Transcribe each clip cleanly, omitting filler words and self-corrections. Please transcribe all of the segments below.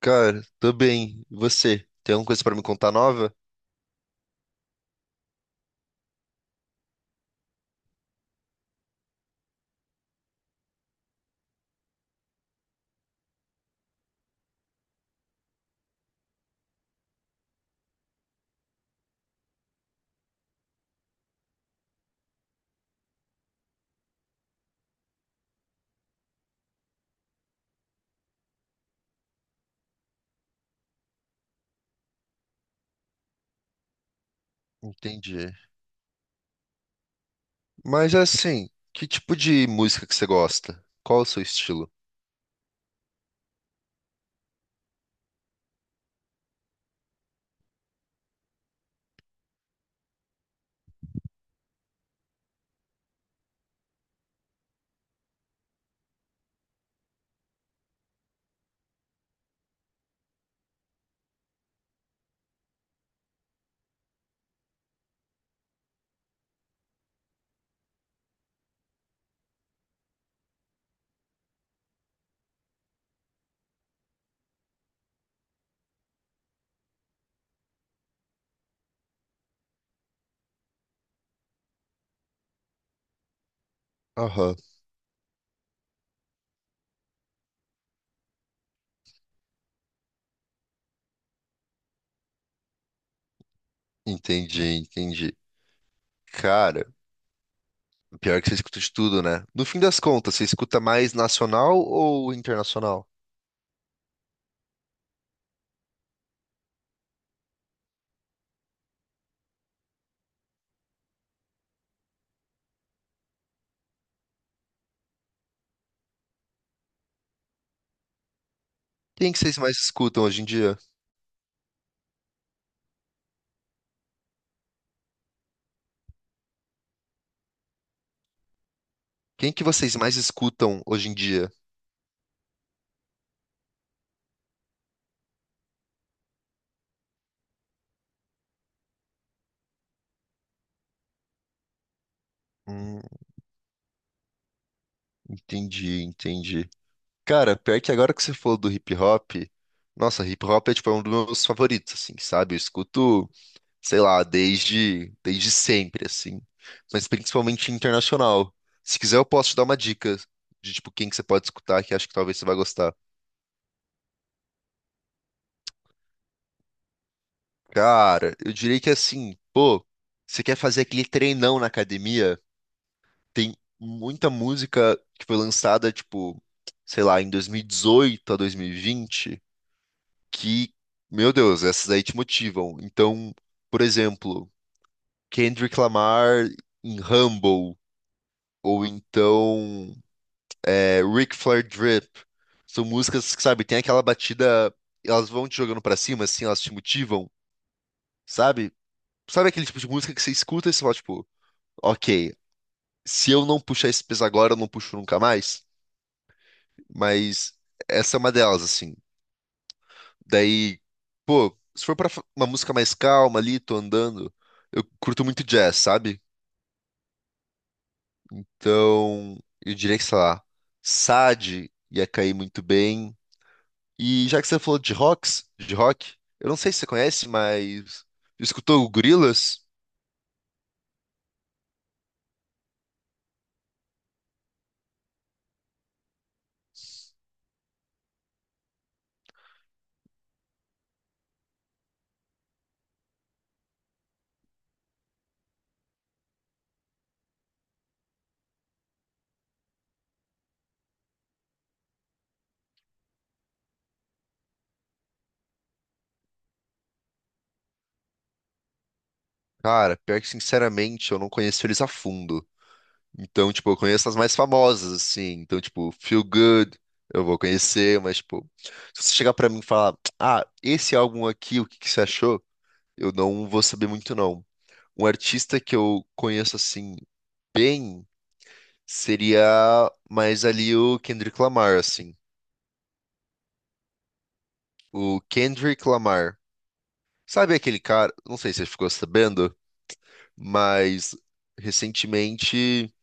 Cara, tô bem. E você? Tem alguma coisa pra me contar nova? Entendi. Mas assim, que tipo de música que você gosta? Qual é o seu estilo? Aham. Entendi, entendi. Cara, pior que você escuta de tudo, né? No fim das contas, você escuta mais nacional ou internacional? Quem que vocês mais escutam hoje em dia? Quem que vocês mais escutam hoje em dia? Hum, entendi, entendi. Cara, pior que agora que você falou do hip hop, nossa, hip hop é um dos meus favoritos, assim, sabe? Eu escuto sei lá, desde sempre, assim. Mas principalmente internacional. Se quiser, eu posso te dar uma dica de, tipo, quem que você pode escutar, que acho que talvez você vai gostar. Cara, eu diria que assim, pô, você quer fazer aquele treinão na academia? Tem muita música que foi lançada, tipo, sei lá, em 2018 a 2020, que, meu Deus, essas aí te motivam. Então, por exemplo, Kendrick Lamar em Humble, ou então Ric Flair Drip. São músicas que, sabe, tem aquela batida, elas vão te jogando pra cima, assim, elas te motivam, sabe? Sabe aquele tipo de música que você escuta e você fala, tipo, ok, se eu não puxar esse peso agora, eu não puxo nunca mais. Mas essa é uma delas, assim. Daí, pô, se for pra fa- uma música mais calma ali, tô andando, eu curto muito jazz, sabe? Então, eu diria que, sei lá, Sade ia cair muito bem. E já que você falou de rock, eu não sei se você conhece, mas escutou o Gorillaz? Cara, pior que sinceramente, eu não conheço eles a fundo. Então, tipo, eu conheço as mais famosas, assim. Então, tipo, Feel Good, eu vou conhecer, mas, tipo, se você chegar pra mim e falar, ah, esse álbum aqui, o que que você achou? Eu não vou saber muito, não. Um artista que eu conheço, assim, bem, seria mais ali o Kendrick Lamar, assim. O Kendrick Lamar. Sabe aquele cara, não sei se você ficou sabendo, mas recentemente,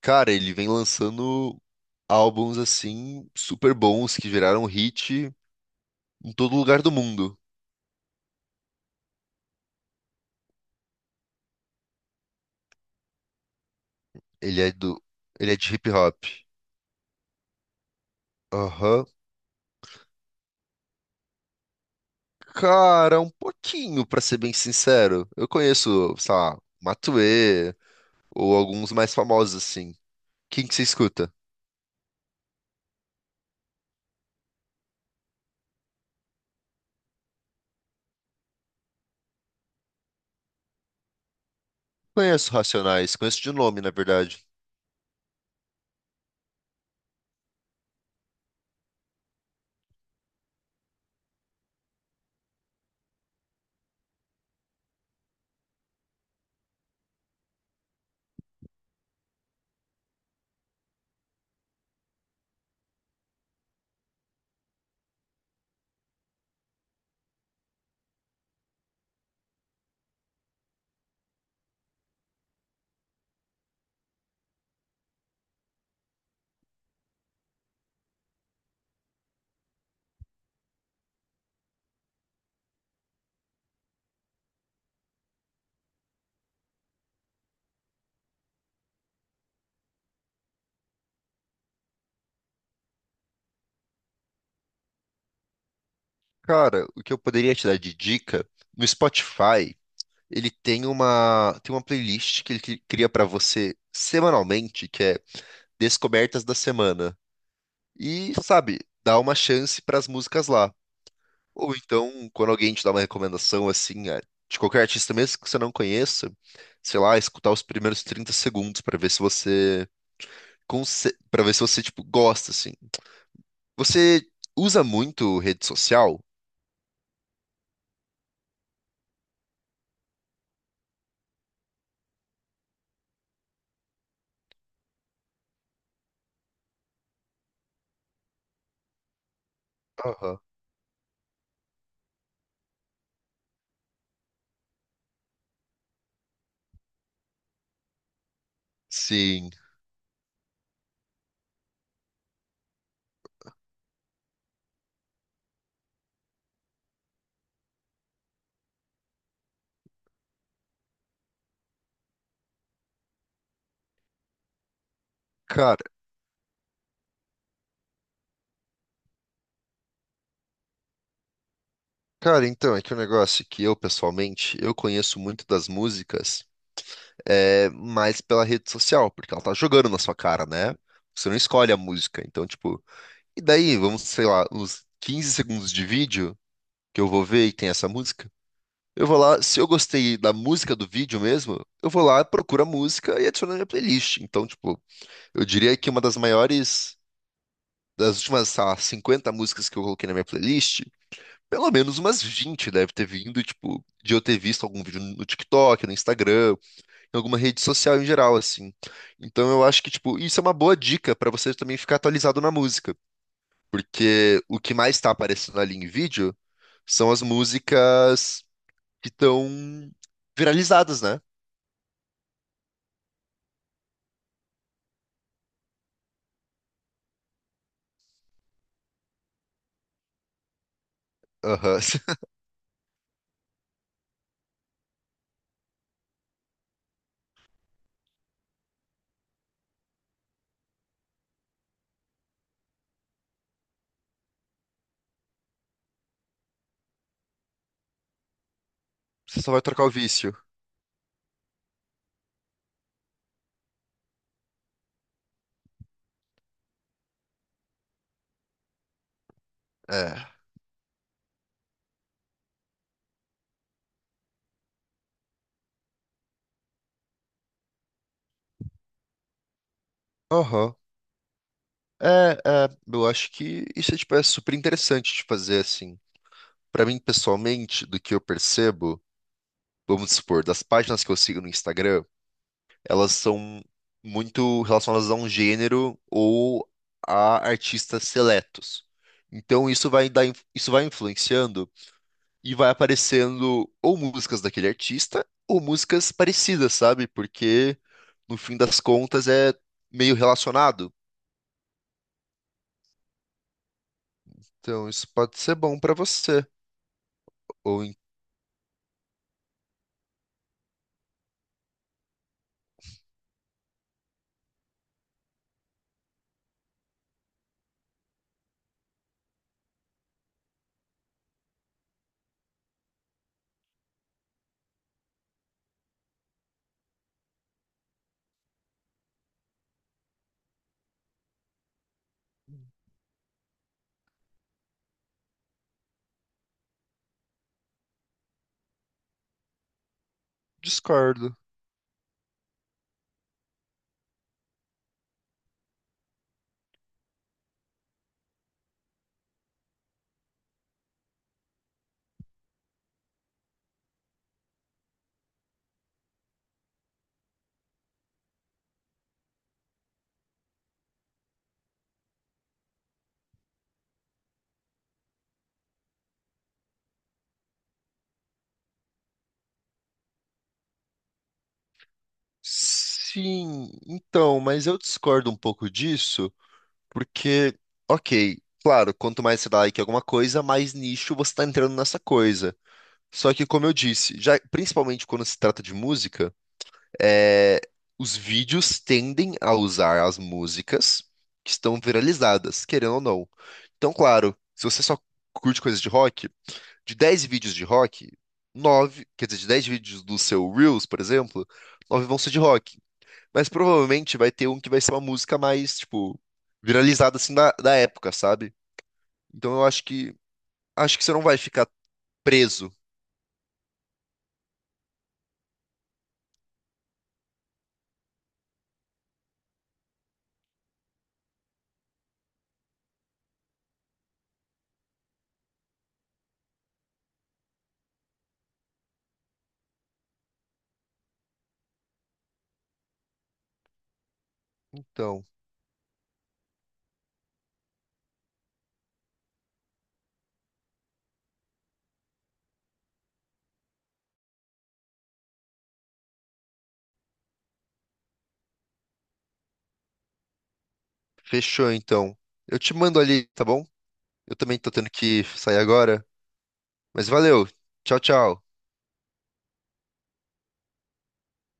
cara, ele vem lançando álbuns assim super bons que viraram hit em todo lugar do mundo. Ele é do, ele é de hip hop. Aham. Cara, um pouquinho, pra ser bem sincero. Eu conheço, sei lá, Matuê ou alguns mais famosos assim. Quem que você escuta? Conheço Racionais, conheço de nome, na verdade. Cara, o que eu poderia te dar de dica no Spotify. Ele tem uma playlist que ele cri- cria pra você semanalmente, que é Descobertas da Semana. E, sabe, dá uma chance pras músicas lá. Ou então, quando alguém te dá uma recomendação assim, de qualquer artista mesmo que você não conheça, sei lá, escutar os primeiros 30 segundos pra ver se você pra ver se você tipo gosta assim. Você usa muito rede social? Aham. Sim. Cara, então, é que o negócio é que eu, pessoalmente, eu conheço muito das músicas mais pela rede social, porque ela tá jogando na sua cara, né? Você não escolhe a música, então, tipo... E daí, vamos, sei lá, uns 15 segundos de vídeo que eu vou ver e tem essa música, eu vou lá, se eu gostei da música do vídeo mesmo, eu vou lá, procuro a música e adiciono na minha playlist. Então, tipo, eu diria que uma das maiores... Das últimas, sei lá, 50 músicas que eu coloquei na minha playlist, pelo menos umas 20 deve ter vindo, tipo, de eu ter visto algum vídeo no TikTok, no Instagram, em alguma rede social em geral, assim. Então eu acho que, tipo, isso é uma boa dica pra você também ficar atualizado na música, porque o que mais tá aparecendo ali em vídeo são as músicas que estão viralizadas, né? Aham. Você só vai trocar o vício. É. Aham. Eu acho que isso, tipo, é super interessante de fazer, assim. Pra mim, pessoalmente, do que eu percebo, vamos supor, das páginas que eu sigo no Instagram, elas são muito relacionadas a um gênero ou a artistas seletos. Então isso vai influenciando e vai aparecendo ou músicas daquele artista ou músicas parecidas, sabe? Porque no fim das contas é meio relacionado. Então isso pode ser bom pra você. Ou em- discordo. Sim, então, mas eu discordo um pouco disso. Porque, ok, claro, quanto mais você dá like em alguma coisa, mais nicho você tá entrando nessa coisa. Só que, como eu disse, já principalmente quando se trata de música, é, os vídeos tendem a usar as músicas que estão viralizadas, querendo ou não. Então, claro, se você só curte coisas de rock, de 10 vídeos de rock, 9 quer dizer, de 10 vídeos do seu Reels, por exemplo, 9 vão ser de rock. Mas provavelmente vai ter um que vai ser uma música mais, tipo, viralizada assim da época, sabe? Então eu acho que você não vai ficar preso. Então, fechou então. Eu te mando ali, tá bom? Eu também tô tendo que sair agora, mas valeu. Tchau, tchau.